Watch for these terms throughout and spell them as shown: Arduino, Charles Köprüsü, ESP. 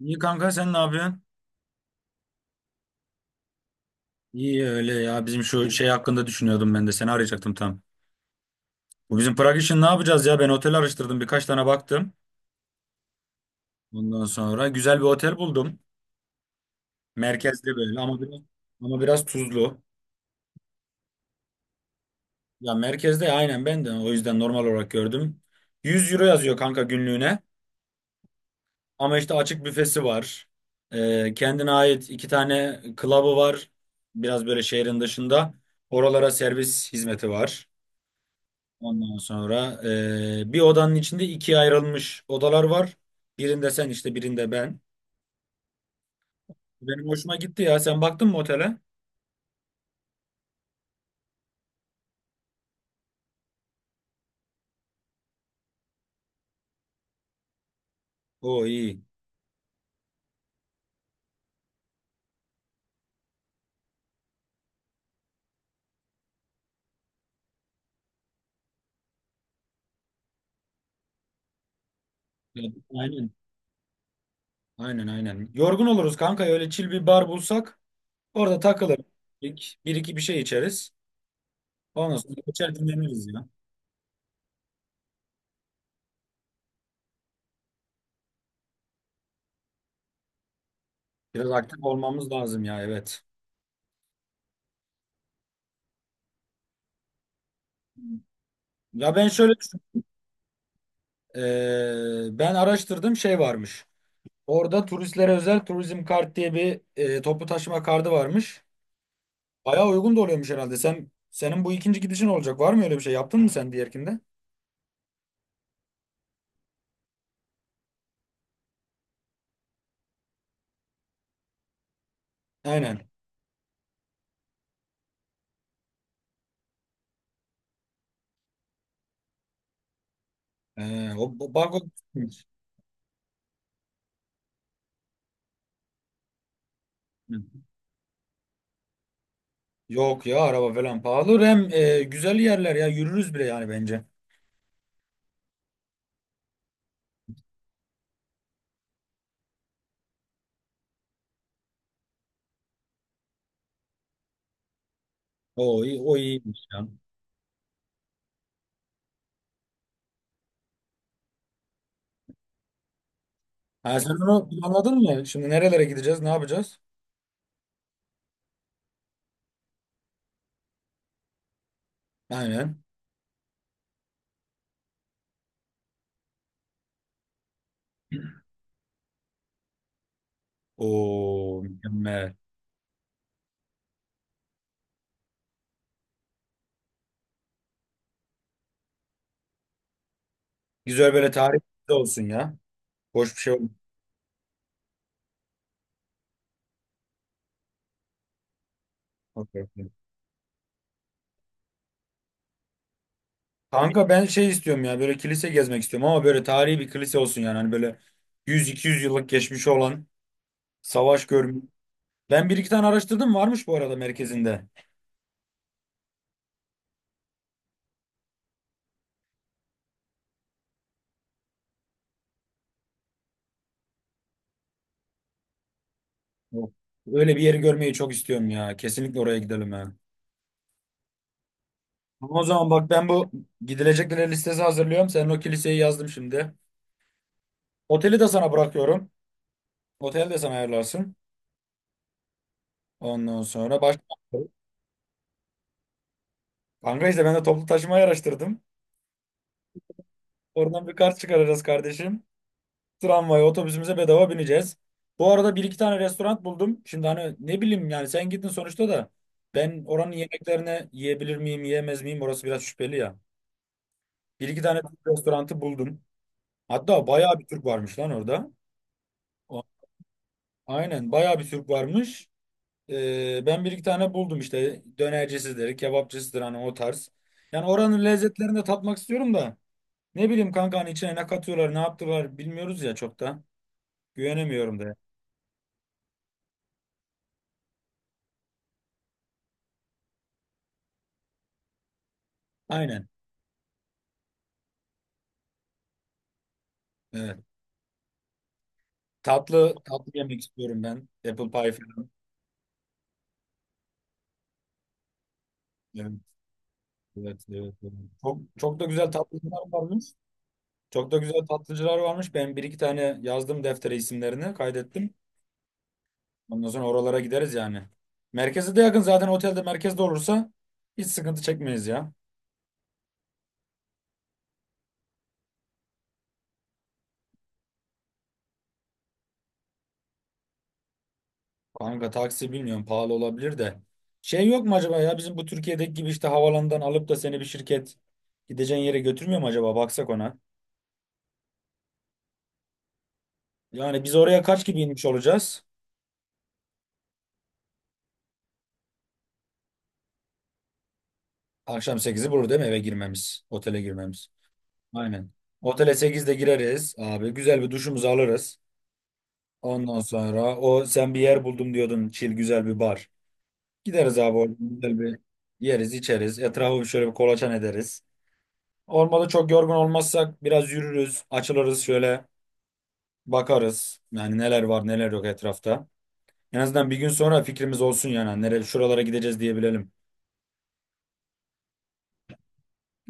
İyi kanka sen ne yapıyorsun? İyi öyle ya bizim şu şey hakkında düşünüyordum ben de seni arayacaktım tam. Bu bizim Prag için ne yapacağız ya ben otel araştırdım birkaç tane baktım. Ondan sonra güzel bir otel buldum. Merkezde böyle ama biraz, ama biraz tuzlu. Ya merkezde aynen ben de o yüzden normal olarak gördüm. 100 euro yazıyor kanka günlüğüne ama işte açık büfesi var. Kendine ait iki tane club'ı var, biraz böyle şehrin dışında. Oralara servis hizmeti var. Ondan sonra bir odanın içinde ikiye ayrılmış odalar var. Birinde sen işte, birinde ben. Benim hoşuma gitti ya. Sen baktın mı otele? O iyi. Ya, aynen. Aynen, aynen. Yorgun oluruz kanka. Öyle chill bir bar bulsak orada takılır. Bir iki bir şey içeriz. Ondan sonra geçer, dinleniriz ya. Biraz aktif olmamız lazım ya, evet. Ya ben şöyle düşün- e, ben araştırdım, şey varmış. Orada turistlere özel turizm kart diye bir toplu taşıma kartı varmış. Bayağı uygun da oluyormuş herhalde. Sen senin bu ikinci gidişin olacak. Var mı öyle bir şey? Yaptın mı sen diğerkinde? Aynen. O o- bak o Yok ya, araba falan pahalı. Hem güzel yerler ya, yürürüz bile yani bence. O iyi, o iyiymiş ya. Ha, sen onu anladın mı? Şimdi nerelere gideceğiz? Ne yapacağız? Aynen. O mükemmel. Güzel, böyle tarih olsun ya. Boş bir şey olmasın. Kanka ben şey istiyorum ya, böyle kilise gezmek istiyorum, ama böyle tarihi bir kilise olsun, yani hani böyle 100-200 yıllık geçmişi olan, savaş görmüş. Ben bir iki tane araştırdım, varmış bu arada merkezinde. Yok. Öyle bir yeri görmeyi çok istiyorum ya, kesinlikle oraya gidelim ya. Ama o zaman bak, ben bu gidilecekler listesi hazırlıyorum, senin o kiliseyi yazdım şimdi. Oteli de sana bırakıyorum. Otel de sen ayarlarsın. Ondan sonra başka. Kanka işte ben de toplu taşımayı araştırdım. Oradan bir kart çıkaracağız kardeşim. Tramvaya, otobüsümüze bedava bineceğiz. Bu arada bir iki tane restoran buldum. Şimdi hani ne bileyim yani, sen gittin sonuçta da, ben oranın yemeklerini yiyebilir miyim, yiyemez miyim, orası biraz şüpheli ya. Bir iki tane Türk restoranı buldum. Hatta bayağı bir Türk varmış lan orada. O- Aynen, bayağı bir Türk varmış. Ben bir iki tane buldum işte, dönercisidir, kebapçısıdır, hani o tarz. Yani oranın lezzetlerini de tatmak istiyorum da, ne bileyim kanka, hani içine ne katıyorlar, ne yaptılar bilmiyoruz ya çok da. Güvenemiyorum da, yani. Aynen. Evet. Tatlı tatlı yemek istiyorum ben. Apple pie falan. Evet, evet, evet, evet. Çok, çok da güzel tatlıcılar varmış. Çok da güzel tatlıcılar varmış. Ben bir iki tane yazdım deftere, isimlerini kaydettim. Ondan sonra oralara gideriz yani. Merkeze de yakın zaten, otelde merkezde olursa hiç sıkıntı çekmeyiz ya. Kanka taksi bilmiyorum, pahalı olabilir de. Şey yok mu acaba ya, bizim bu Türkiye'deki gibi işte havalandan alıp da seni bir şirket gideceğin yere götürmüyor mu acaba, baksak ona. Yani biz oraya kaç gibi inmiş olacağız? Akşam 8'i bulur değil mi eve girmemiz? Otele girmemiz. Aynen. Otele 8'de gireriz abi. Güzel bir duşumuzu alırız. Ondan sonra o, sen bir yer buldum diyordun. Chill güzel bir bar. Gideriz abi, orada güzel bir yeriz içeriz. Etrafı şöyle bir kolaçan ederiz. Olmadı, çok yorgun olmazsak biraz yürürüz. Açılırız şöyle, bakarız. Yani neler var neler yok etrafta. En azından bir gün sonra fikrimiz olsun yani. Nereye, şuralara gideceğiz diyebilelim.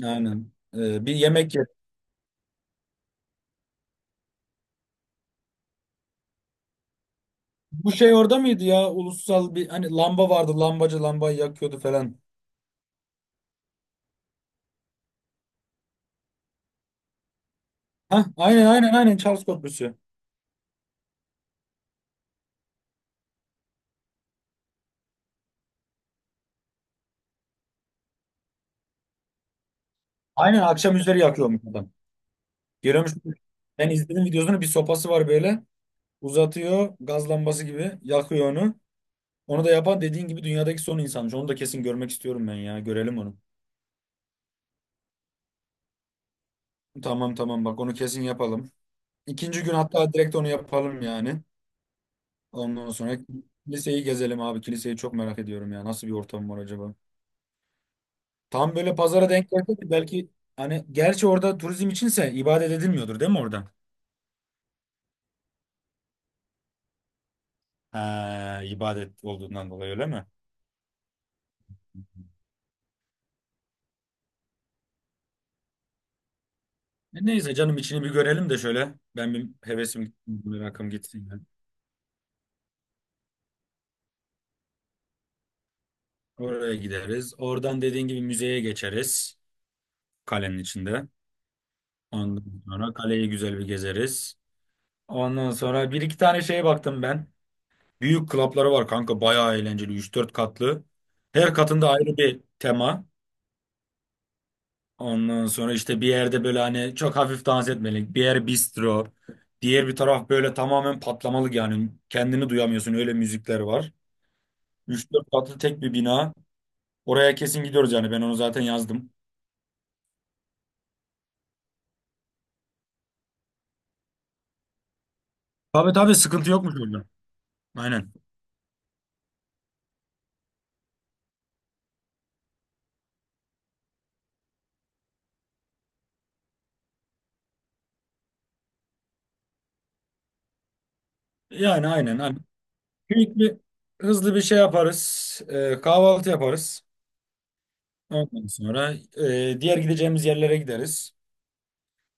Aynen. Bir yemek Bu şey orada mıydı ya? Ulusal bir hani lamba vardı. Lambacı lambayı yakıyordu falan. Hah, aynen aynen aynen, Charles Köprüsü. Aynen, akşam üzeri yakıyormuş adam. Görüyormuş. Ben izledim videosunu. Bir sopası var böyle. Uzatıyor. Gaz lambası gibi. Yakıyor onu. Onu da yapan, dediğin gibi, dünyadaki son insanmış. Onu da kesin görmek istiyorum ben ya. Görelim onu. Tamam, tamam, bak onu kesin yapalım. İkinci gün hatta direkt onu yapalım yani. Ondan sonra kiliseyi gezelim abi. Kiliseyi çok merak ediyorum ya. Nasıl bir ortam var acaba? Tam böyle pazara denk geldi ki belki, hani gerçi orada turizm içinse ibadet edilmiyordur değil mi orada? Ha, ibadet olduğundan dolayı öyle mi? Neyse canım, içini bir görelim de şöyle. Ben bir hevesim gitsin, merakım gitsin, yani. Oraya gideriz. Oradan dediğin gibi müzeye geçeriz. Kalenin içinde. Ondan sonra kaleyi güzel bir gezeriz. Ondan sonra bir iki tane şeye baktım ben. Büyük klapları var kanka, bayağı eğlenceli. Üç dört katlı. Her katında ayrı bir tema. Ondan sonra işte bir yerde böyle hani çok hafif dans etmelik. Bir yer bistro. Diğer bir taraf böyle tamamen patlamalık yani. Kendini duyamıyorsun, öyle müzikler var. Üç dört katlı tek bir bina. Oraya kesin gidiyoruz yani, ben onu zaten yazdım. Tabii tabii, sıkıntı yokmuş orada. Aynen. Yani aynen. Hani büyük bir hızlı bir şey yaparız. Kahvaltı yaparız. Ondan sonra diğer gideceğimiz yerlere gideriz.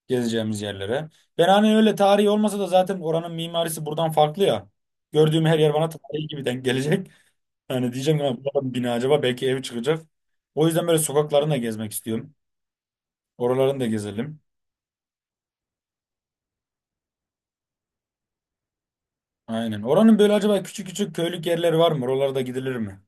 Gezeceğimiz yerlere. Ben hani öyle tarihi olmasa da zaten oranın mimarisi buradan farklı ya. Gördüğüm her yer bana tarihi gibi denk gelecek. Hani diyeceğim ki, "Ulan bu adam bina, acaba belki ev çıkacak." O yüzden böyle sokaklarını da gezmek istiyorum. Oralarını da gezelim. Aynen. Oranın böyle acaba küçük küçük köylük yerleri var mı? Oralara da gidilir mi?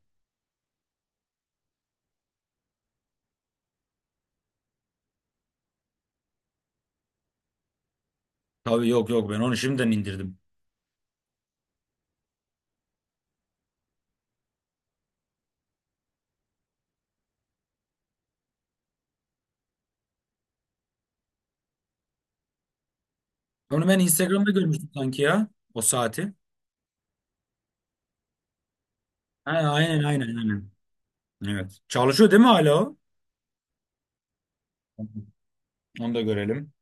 Tabii, yok yok, ben onu şimdiden indirdim. Onu ben Instagram'da görmüştüm sanki ya. O saati. Ha, aynen aynen aynen. Evet. Çalışıyor değil mi hala o? Onu da görelim.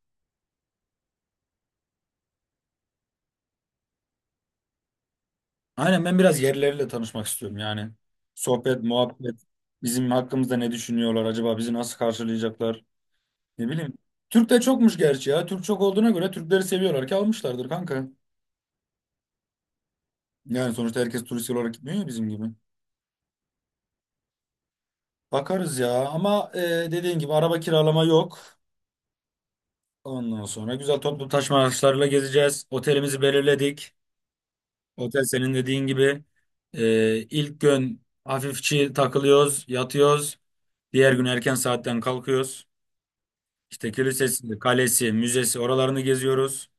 Aynen, ben biraz yerlilerle tanışmak istiyorum yani. Sohbet, muhabbet, bizim hakkımızda ne düşünüyorlar acaba, bizi nasıl karşılayacaklar, ne bileyim. Türk de çokmuş gerçi ya. Türk çok olduğuna göre Türkleri seviyorlar ki almışlardır kanka. Yani sonuçta herkes turist olarak gitmiyor ya, bizim gibi. Bakarız ya, ama dediğin gibi araba kiralama yok. Ondan sonra güzel toplu taşıma araçlarıyla gezeceğiz. Otelimizi belirledik. Otel senin dediğin gibi. E, ilk gün hafifçi takılıyoruz, yatıyoruz. Diğer gün erken saatten kalkıyoruz. İşte kilisesi, kalesi, müzesi, oralarını geziyoruz.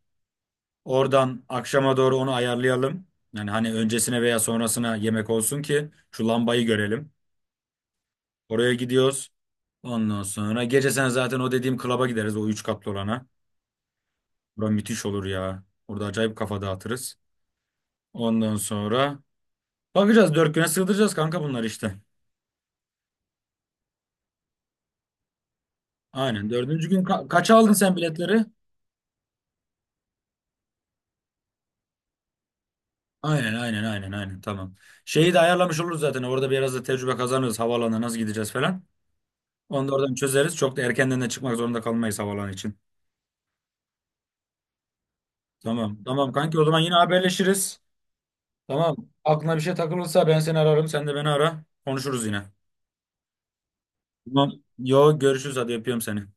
Oradan akşama doğru onu ayarlayalım. Yani hani öncesine veya sonrasına yemek olsun ki şu lambayı görelim. Oraya gidiyoruz. Ondan sonra gece, sen zaten o dediğim klaba gideriz, o üç katlı olana. Bura müthiş olur ya. Orada acayip kafa dağıtırız. Ondan sonra bakacağız, 4 güne sığdıracağız kanka bunlar işte. Aynen, dördüncü gün kaça aldın sen biletleri? Aynen, aynen, aynen, aynen, tamam. Şeyi de ayarlamış oluruz zaten, orada biraz da tecrübe kazanırız havaalanına nasıl gideceğiz falan. Onu da oradan çözeriz. Çok da erkenden de çıkmak zorunda kalmayız havalan için. Tamam. Tamam kanki, o zaman yine haberleşiriz. Tamam. Aklına bir şey takılırsa ben seni ararım. Sen de beni ara. Konuşuruz yine. Tamam. Yo, görüşürüz. Hadi, yapıyorum seni. Hadi.